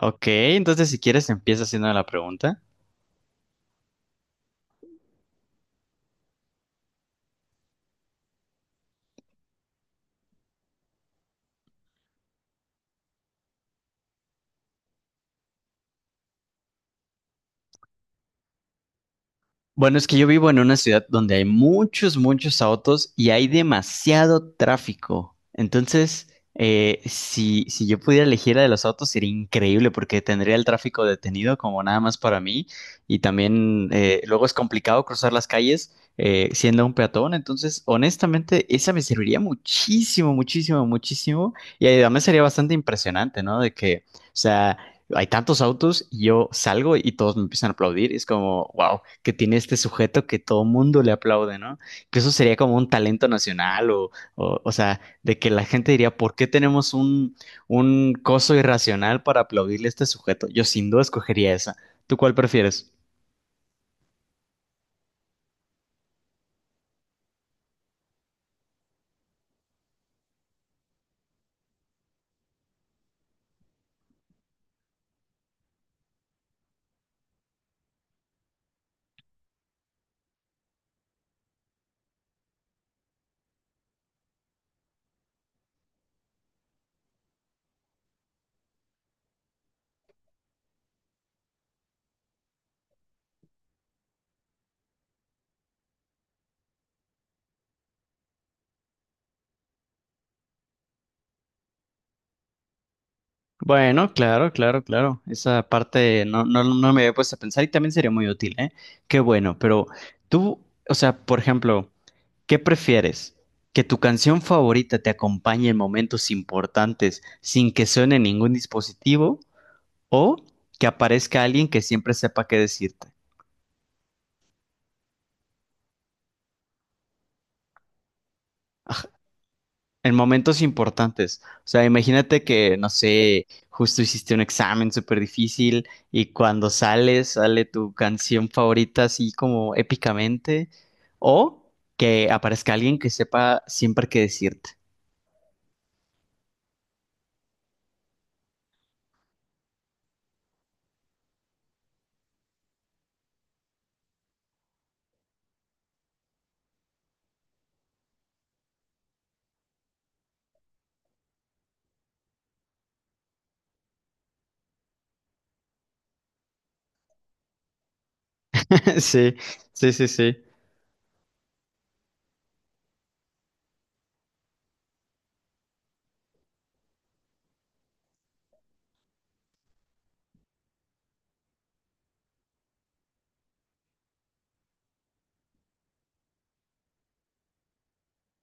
Ok, entonces si quieres empieza haciendo la pregunta. Bueno, es que yo vivo en una ciudad donde hay muchos autos y hay demasiado tráfico. Entonces, si yo pudiera elegir la de los autos sería increíble porque tendría el tráfico detenido como nada más para mí y también luego es complicado cruzar las calles siendo un peatón. Entonces, honestamente, esa me serviría muchísimo, muchísimo, muchísimo, y además sería bastante impresionante, ¿no? De que... O sea, hay tantos autos y yo salgo y todos me empiezan a aplaudir. Y es como, wow, que tiene este sujeto que todo mundo le aplaude, ¿no? Que eso sería como un talento nacional, o sea, de que la gente diría, ¿por qué tenemos un coso irracional para aplaudirle a este sujeto? Yo sin duda escogería esa. ¿Tú cuál prefieres? Bueno, claro. Esa parte no me había puesto a pensar y también sería muy útil, ¿eh? Qué bueno, pero tú, o sea, por ejemplo, ¿qué prefieres? ¿Que tu canción favorita te acompañe en momentos importantes sin que suene ningún dispositivo? ¿O que aparezca alguien que siempre sepa qué decirte? En momentos importantes. O sea, imagínate que, no sé, justo hiciste un examen súper difícil y cuando sales, sale tu canción favorita así como épicamente. O que aparezca alguien que sepa siempre qué decirte. Sí, sí, sí, sí.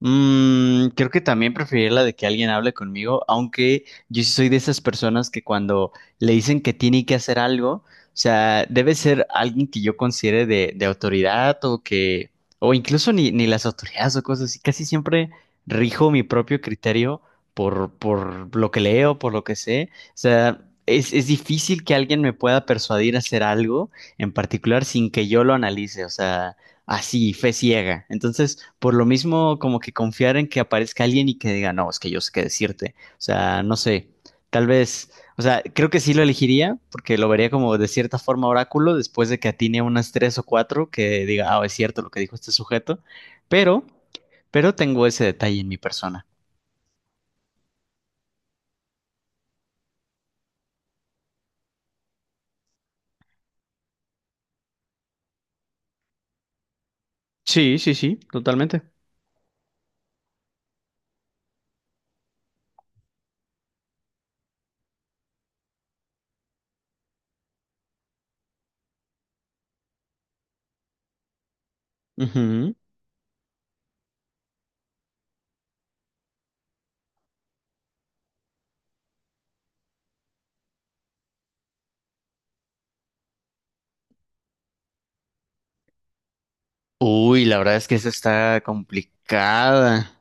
Creo que también preferiría la de que alguien hable conmigo, aunque yo sí soy de esas personas que cuando le dicen que tiene que hacer algo, o sea, debe ser alguien que yo considere de autoridad o que, o incluso ni las autoridades o cosas así, casi siempre rijo mi propio criterio por lo que leo, por lo que sé. O sea, es difícil que alguien me pueda persuadir a hacer algo en particular sin que yo lo analice, o sea así, fe ciega. Entonces, por lo mismo, como que confiar en que aparezca alguien y que diga, no, es que yo sé qué decirte. O sea, no sé, tal vez, o sea, creo que sí lo elegiría porque lo vería como de cierta forma oráculo después de que atine unas tres o cuatro que diga, ah, es cierto lo que dijo este sujeto, pero, pero tengo ese detalle en mi persona. Sí, sí, sí, totalmente. Ujú. Uy, la verdad es que esa está complicada.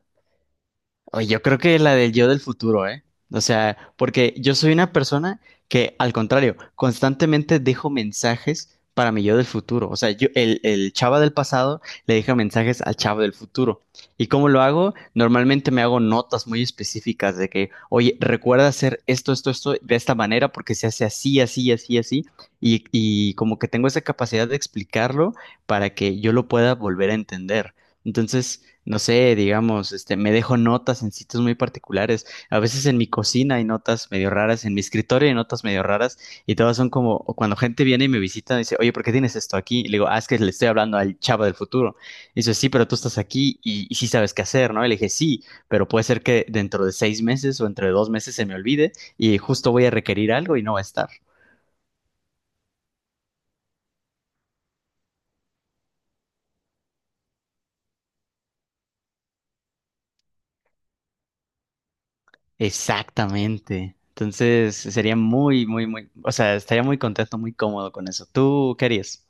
Oye, yo creo que la del yo del futuro, ¿eh? O sea, porque yo soy una persona que, al contrario, constantemente dejo mensajes para mi yo del futuro. O sea, yo, el chava del pasado le deja mensajes al chavo del futuro. ¿Y cómo lo hago? Normalmente me hago notas muy específicas de que, oye, recuerda hacer esto, esto, esto de esta manera porque se hace así, así, así, así. Y como que tengo esa capacidad de explicarlo para que yo lo pueda volver a entender. Entonces, no sé, digamos, este, me dejo notas en sitios muy particulares. A veces en mi cocina hay notas medio raras, en mi escritorio hay notas medio raras, y todas son como o cuando gente viene y me visita, dice, oye, ¿por qué tienes esto aquí? Y le digo, ah, es que le estoy hablando al chavo del futuro. Y dice, sí, pero tú estás aquí y sí sabes qué hacer, ¿no? Y le dije, sí, pero puede ser que dentro de 6 meses o entre 2 meses se me olvide y justo voy a requerir algo y no va a estar. Exactamente. Entonces sería muy, muy, muy, o sea, estaría muy contento, muy cómodo con eso. ¿Tú qué harías?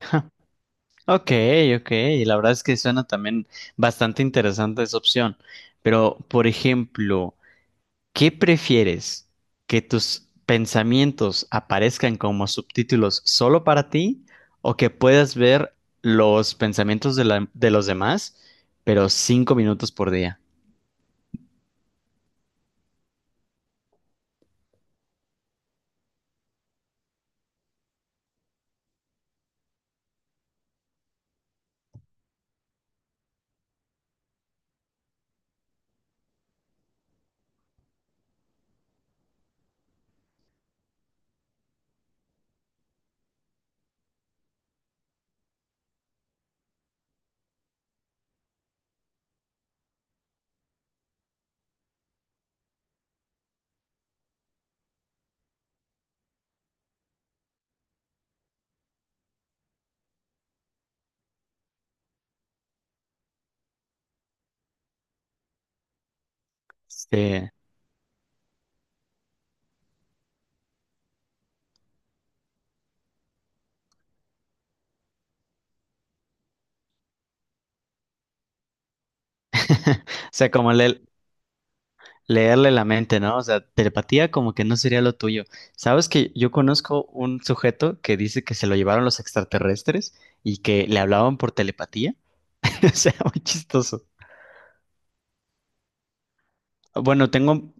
Ok, ok, y la verdad es que suena también bastante interesante esa opción. Pero, por ejemplo, ¿qué prefieres? ¿Que tus pensamientos aparezcan como subtítulos solo para ti o que puedas ver los pensamientos de, de los demás, pero 5 minutos por día? Sí. O sea, como el leerle la mente, ¿no? O sea, telepatía como que no sería lo tuyo. Sabes que yo conozco un sujeto que dice que se lo llevaron los extraterrestres y que le hablaban por telepatía. O sea, muy chistoso. Bueno,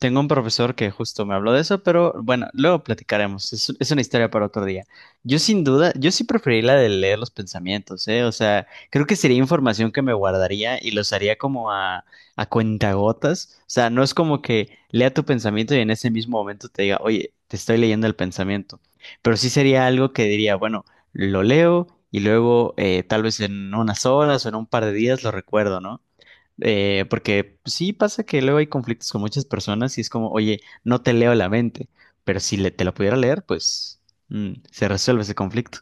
tengo un profesor que justo me habló de eso, pero bueno, luego platicaremos. Es una historia para otro día. Yo sin duda, yo sí preferiría la de leer los pensamientos, ¿eh? O sea, creo que sería información que me guardaría y los haría como a cuentagotas. O sea, no es como que lea tu pensamiento y en ese mismo momento te diga, oye, te estoy leyendo el pensamiento. Pero sí sería algo que diría, bueno, lo leo y luego tal vez en unas horas o en un par de días lo recuerdo, ¿no? Porque sí pasa que luego hay conflictos con muchas personas y es como, oye, no te leo la mente, pero si le- te la pudiera leer, pues mm, se resuelve ese conflicto.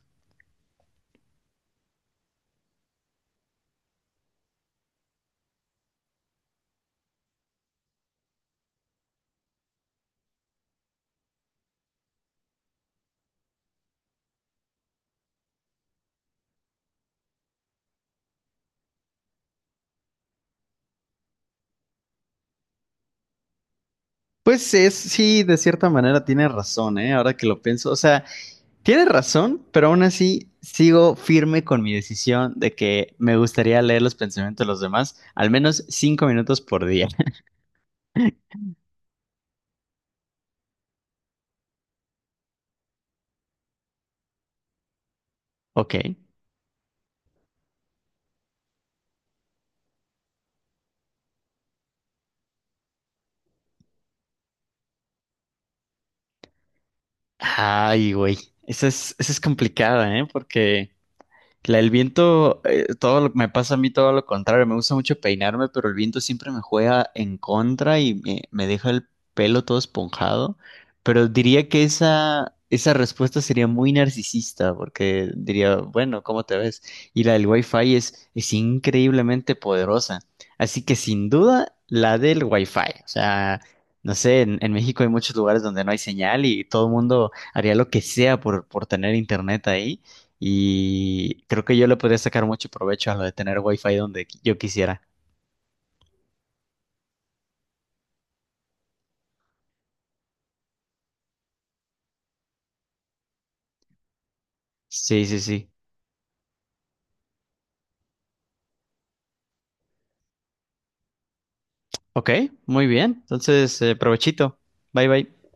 Pues es, sí, de cierta manera tiene razón, ¿eh? Ahora que lo pienso, o sea, tiene razón, pero aún así sigo firme con mi decisión de que me gustaría leer los pensamientos de los demás al menos 5 minutos por día. Ok. Ay, güey, esa es complicada, ¿eh? Porque... La, el viento, todo lo, me pasa a mí todo lo contrario. Me gusta mucho peinarme, pero el viento siempre me juega en contra y me deja el pelo todo esponjado. Pero diría que esa respuesta sería muy narcisista, porque diría, bueno, ¿cómo te ves? Y la del Wi-Fi es increíblemente poderosa. Así que sin duda, la del Wi-Fi. O sea, no sé, en México hay muchos lugares donde no hay señal y todo el mundo haría lo que sea por tener internet ahí. Y creo que yo le podría sacar mucho provecho a lo de tener wifi donde yo quisiera. Sí, sí, sí. Ok, muy bien. Entonces, provechito. Bye, bye.